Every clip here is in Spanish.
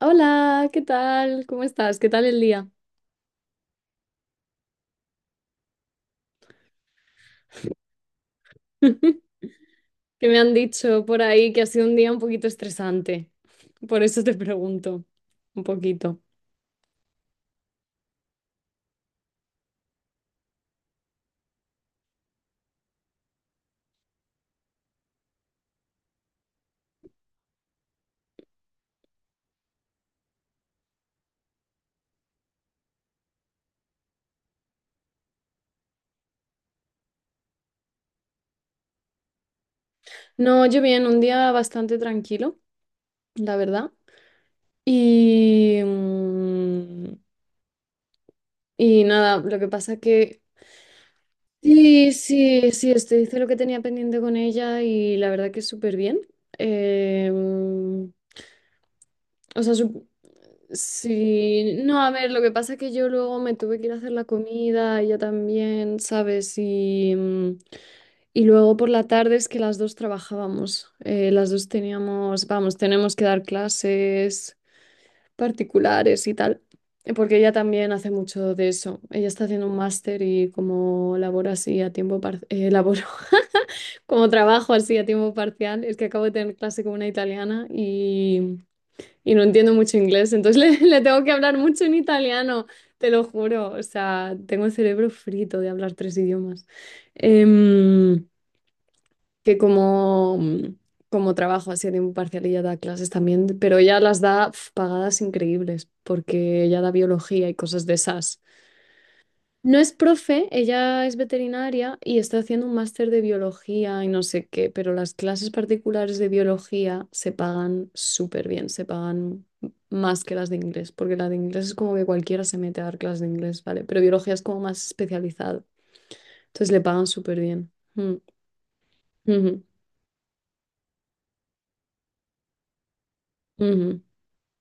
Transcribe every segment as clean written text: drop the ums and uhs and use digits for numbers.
Hola, ¿qué tal? ¿Cómo estás? ¿Qué tal el día? Que me han dicho por ahí que ha sido un día un poquito estresante. Por eso te pregunto, un poquito. No, yo bien, un día bastante tranquilo, la verdad. Y, mm, y nada, lo que pasa que sí, sí, sí, hice lo que tenía pendiente con ella y la verdad que súper bien. Em, o sea, sí, no, a ver, lo que pasa es que yo luego me tuve que ir a hacer la comida, ella también, ¿sabes? Y luego por la tarde es que las dos trabajábamos, las dos teníamos, vamos, tenemos que dar clases particulares y tal, porque ella también hace mucho de eso, ella está haciendo un máster y como labora así a tiempo parcial, como trabajo así a tiempo parcial, es que acabo de tener clase con una italiana y no entiendo mucho inglés, entonces le, le tengo que hablar mucho en italiano, te lo juro. O sea, tengo el cerebro frito de hablar tres idiomas. Em, que como trabajo así a tiempo parcial ella da clases también, pero ella las da pf, pagadas increíbles, porque ella da biología y cosas de esas. No es profe, ella es veterinaria y está haciendo un máster de biología y no sé qué, pero las clases particulares de biología se pagan súper bien, se pagan más que las de inglés, porque la de inglés es como que cualquiera se mete a dar clases de inglés, ¿vale? Pero biología es como más especializado, entonces le pagan súper bien. Mm, ujú, ujú,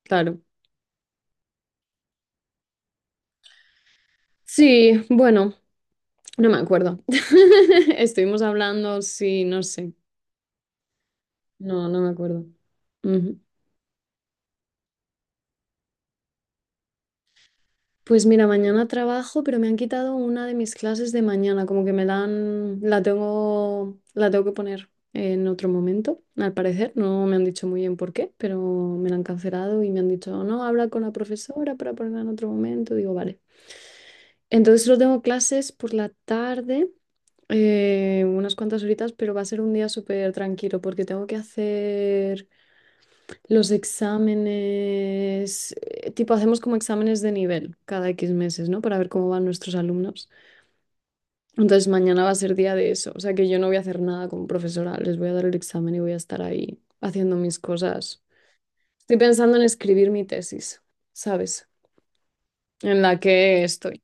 claro. Sí, bueno, no me acuerdo. Estuvimos hablando, sí, no sé, no, no me acuerdo. Ujú. Pues mira, mañana trabajo, pero me han quitado una de mis clases de mañana, como que me la han, la tengo que poner en otro momento, al parecer. No me han dicho muy bien por qué, pero me la han cancelado y me han dicho, no, habla con la profesora para ponerla en otro momento. Digo, vale. Entonces solo tengo clases por la tarde, unas cuantas horitas, pero va a ser un día súper tranquilo porque tengo que hacer los exámenes, tipo hacemos como exámenes de nivel cada X meses, ¿no? Para ver cómo van nuestros alumnos. Entonces mañana va a ser día de eso, o sea que yo no voy a hacer nada como profesora, les voy a dar el examen y voy a estar ahí haciendo mis cosas. Estoy pensando en escribir mi tesis, ¿sabes? En la que estoy.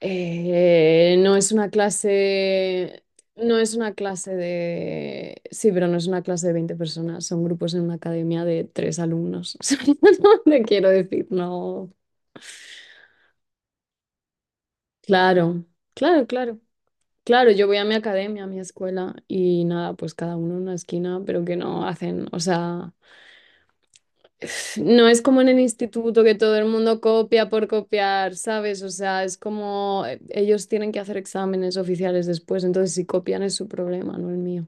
No es una clase, no es una clase de, sí, pero no es una clase de 20 personas, son grupos en una academia de tres alumnos. O sea, no te quiero decir, no. Claro, claro, claro. Claro, yo voy a mi academia, a mi escuela y nada, pues cada uno en una esquina, pero que no hacen, o sea. No es como en el instituto que todo el mundo copia por copiar, ¿sabes? O sea, es como ellos tienen que hacer exámenes oficiales después, entonces si copian es su problema, no el mío.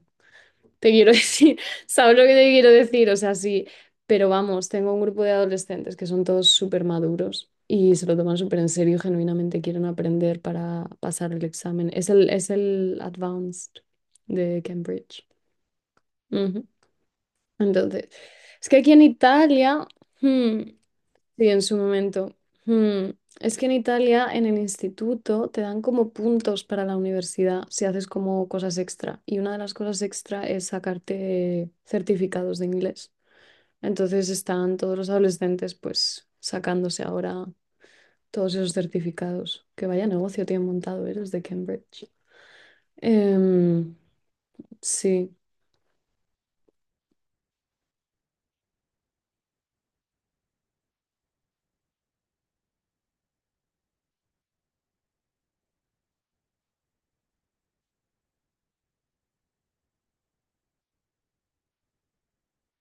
Te quiero decir, ¿sabes lo que te quiero decir? O sea, sí, pero vamos, tengo un grupo de adolescentes que son todos súper maduros y se lo toman súper en serio y genuinamente quieren aprender para pasar el examen. Es el Advanced de Cambridge. Ujú. Entonces, es que aquí en Italia... Hmm. Sí, en su momento. Hmm. Es que en Italia, en el instituto, te dan como puntos para la universidad si haces como cosas extra. Y una de las cosas extra es sacarte certificados de inglés. Entonces están todos los adolescentes pues sacándose ahora todos esos certificados. Que vaya negocio tienen montado, ¿eh? Los de Cambridge. Em, sí.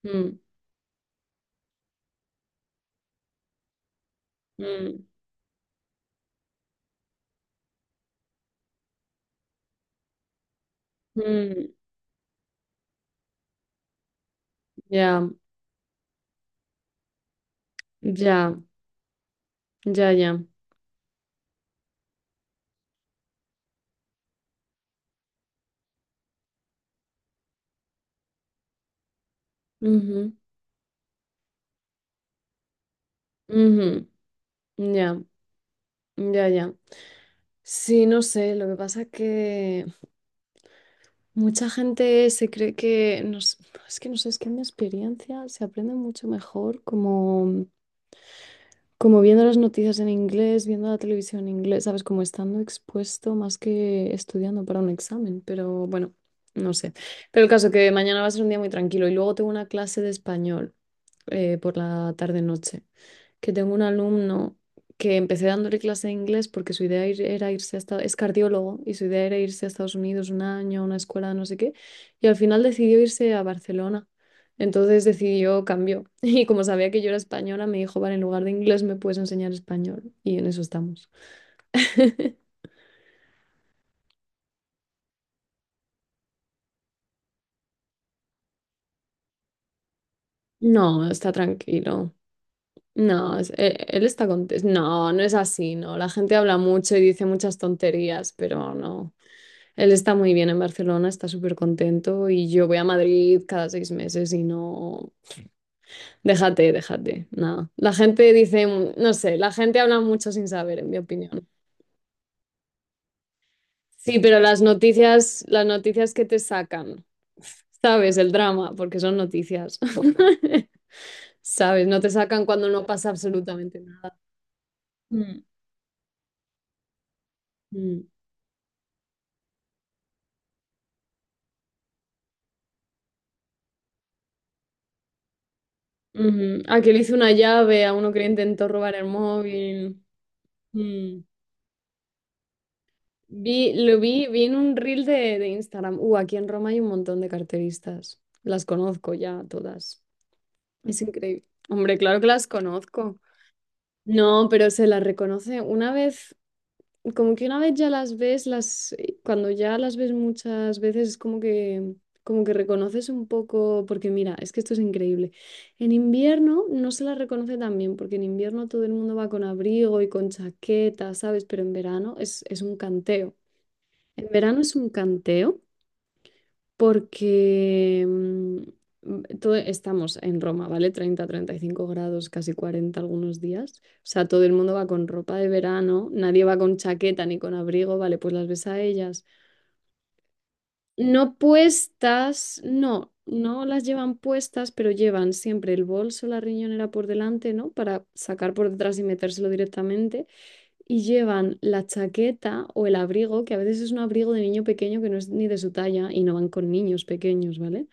Mm, mm, mm. Ya, ya, ya, ya. Ujú, ujú. Ya, ya, ya. Sí, no sé, lo que pasa que mucha gente se cree que, es que no sé, es que en mi experiencia se aprende mucho mejor como, como viendo las noticias en inglés, viendo la televisión en inglés, ¿sabes? Como estando expuesto más que estudiando para un examen, pero bueno, no sé. Pero el caso que mañana va a ser un día muy tranquilo y luego tengo una clase de español, por la tarde-noche que tengo un alumno que empecé dándole clase de inglés porque su idea era irse a Estados Unidos, es cardiólogo y su idea era irse a Estados Unidos un año, a una escuela, de no sé qué, y al final decidió irse a Barcelona. Entonces decidió, cambió. Y como sabía que yo era española, me dijo, vale, en lugar de inglés me puedes enseñar español. Y en eso estamos. No, está tranquilo. No, él está contento. No, no es así, no. La gente habla mucho y dice muchas tonterías, pero no. Él está muy bien en Barcelona, está súper contento y yo voy a Madrid cada 6 meses y no... Déjate, déjate, nada. La gente dice, mm, no sé, la gente habla mucho sin saber, en mi opinión. Sí, pero las noticias que te sacan, sabes, el drama, porque son noticias, sabes, no te sacan cuando no pasa absolutamente nada. Mm. Mm, ujú. Ah, que le hice una llave a uno que le intentó robar el móvil. Mm. Lo vi en un reel de Instagram. Aquí en Roma hay un montón de carteristas. Las conozco ya todas. Es increíble. Hombre, claro que las conozco. No, pero se las reconoce una vez, como que una vez ya las ves, cuando ya las ves muchas veces es como que reconoces un poco, porque mira, es que esto es increíble. En invierno no se las reconoce tan bien, porque en invierno todo el mundo va con abrigo y con chaqueta, ¿sabes? Pero en verano es un canteo. En verano es un canteo porque estamos en Roma, ¿vale? 30, 35 grados, casi 40 algunos días. O sea, todo el mundo va con ropa de verano, nadie va con chaqueta ni con abrigo, ¿vale? Pues las ves a ellas. No puestas, no, no las llevan puestas, pero llevan siempre el bolso, la riñonera por delante, ¿no? Para sacar por detrás y metérselo directamente, y llevan la chaqueta o el abrigo, que a veces es un abrigo de niño pequeño que no es ni de su talla y no van con niños pequeños, ¿vale?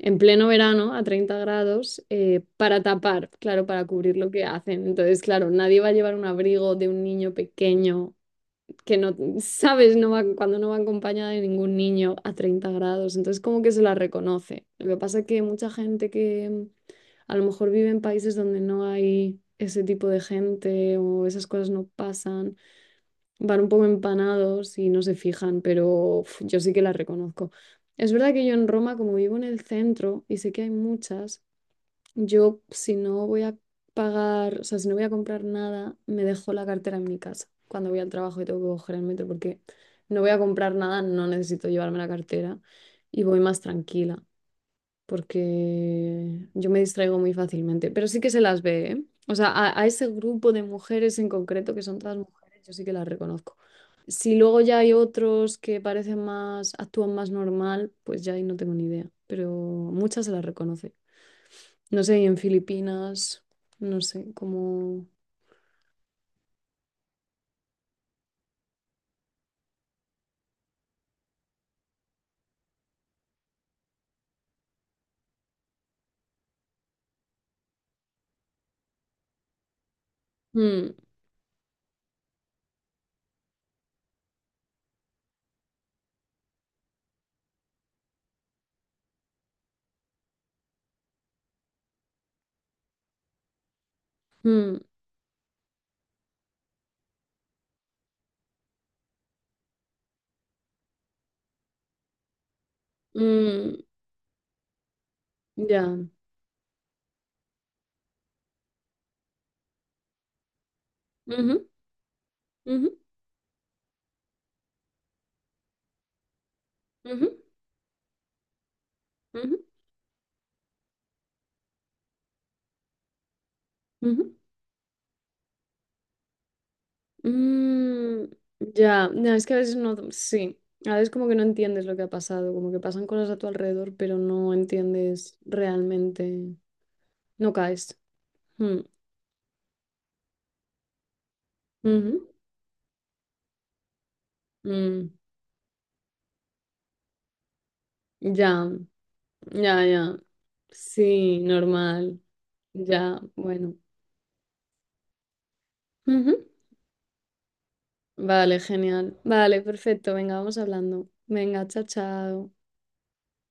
En pleno verano, a 30 grados, para tapar, claro, para cubrir lo que hacen. Entonces, claro, nadie va a llevar un abrigo de un niño pequeño que no, sabes, no va, cuando no va acompañada de ningún niño a 30 grados. Entonces, como que se la reconoce. Lo que pasa es que mucha gente que mm, a lo mejor vive en países donde no hay ese tipo de gente o esas cosas no pasan, van un poco empanados y no se fijan, pero uf, yo sí que las reconozco. Es verdad que yo en Roma, como vivo en el centro y sé que hay muchas, yo si no voy a pagar, o sea, si no voy a comprar nada, me dejo la cartera en mi casa cuando voy al trabajo y tengo que coger el metro porque no voy a comprar nada, no necesito llevarme la cartera y voy más tranquila porque yo me distraigo muy fácilmente, pero sí que se las ve, ¿eh? O sea, a ese grupo de mujeres en concreto, que son todas mujeres, yo sí que las reconozco. Si luego ya hay otros que parecen más, actúan más normal, pues ya ahí no tengo ni idea, pero muchas se las reconoce. No sé, y en Filipinas, no sé, como... Mm, mm, mm, ya. Ujú, ujú, ujú, ujú, ujú, ujú. Mm, ya, no, es que a veces no, sí, a veces como que no entiendes lo que ha pasado, como que pasan cosas a tu alrededor, pero no entiendes realmente, no caes. Mm, ujú, mm, ya, ya, ya, sí, normal, ya, bueno. Ujú. Vale, genial. Vale, perfecto, venga, vamos hablando. Venga, chao, chao.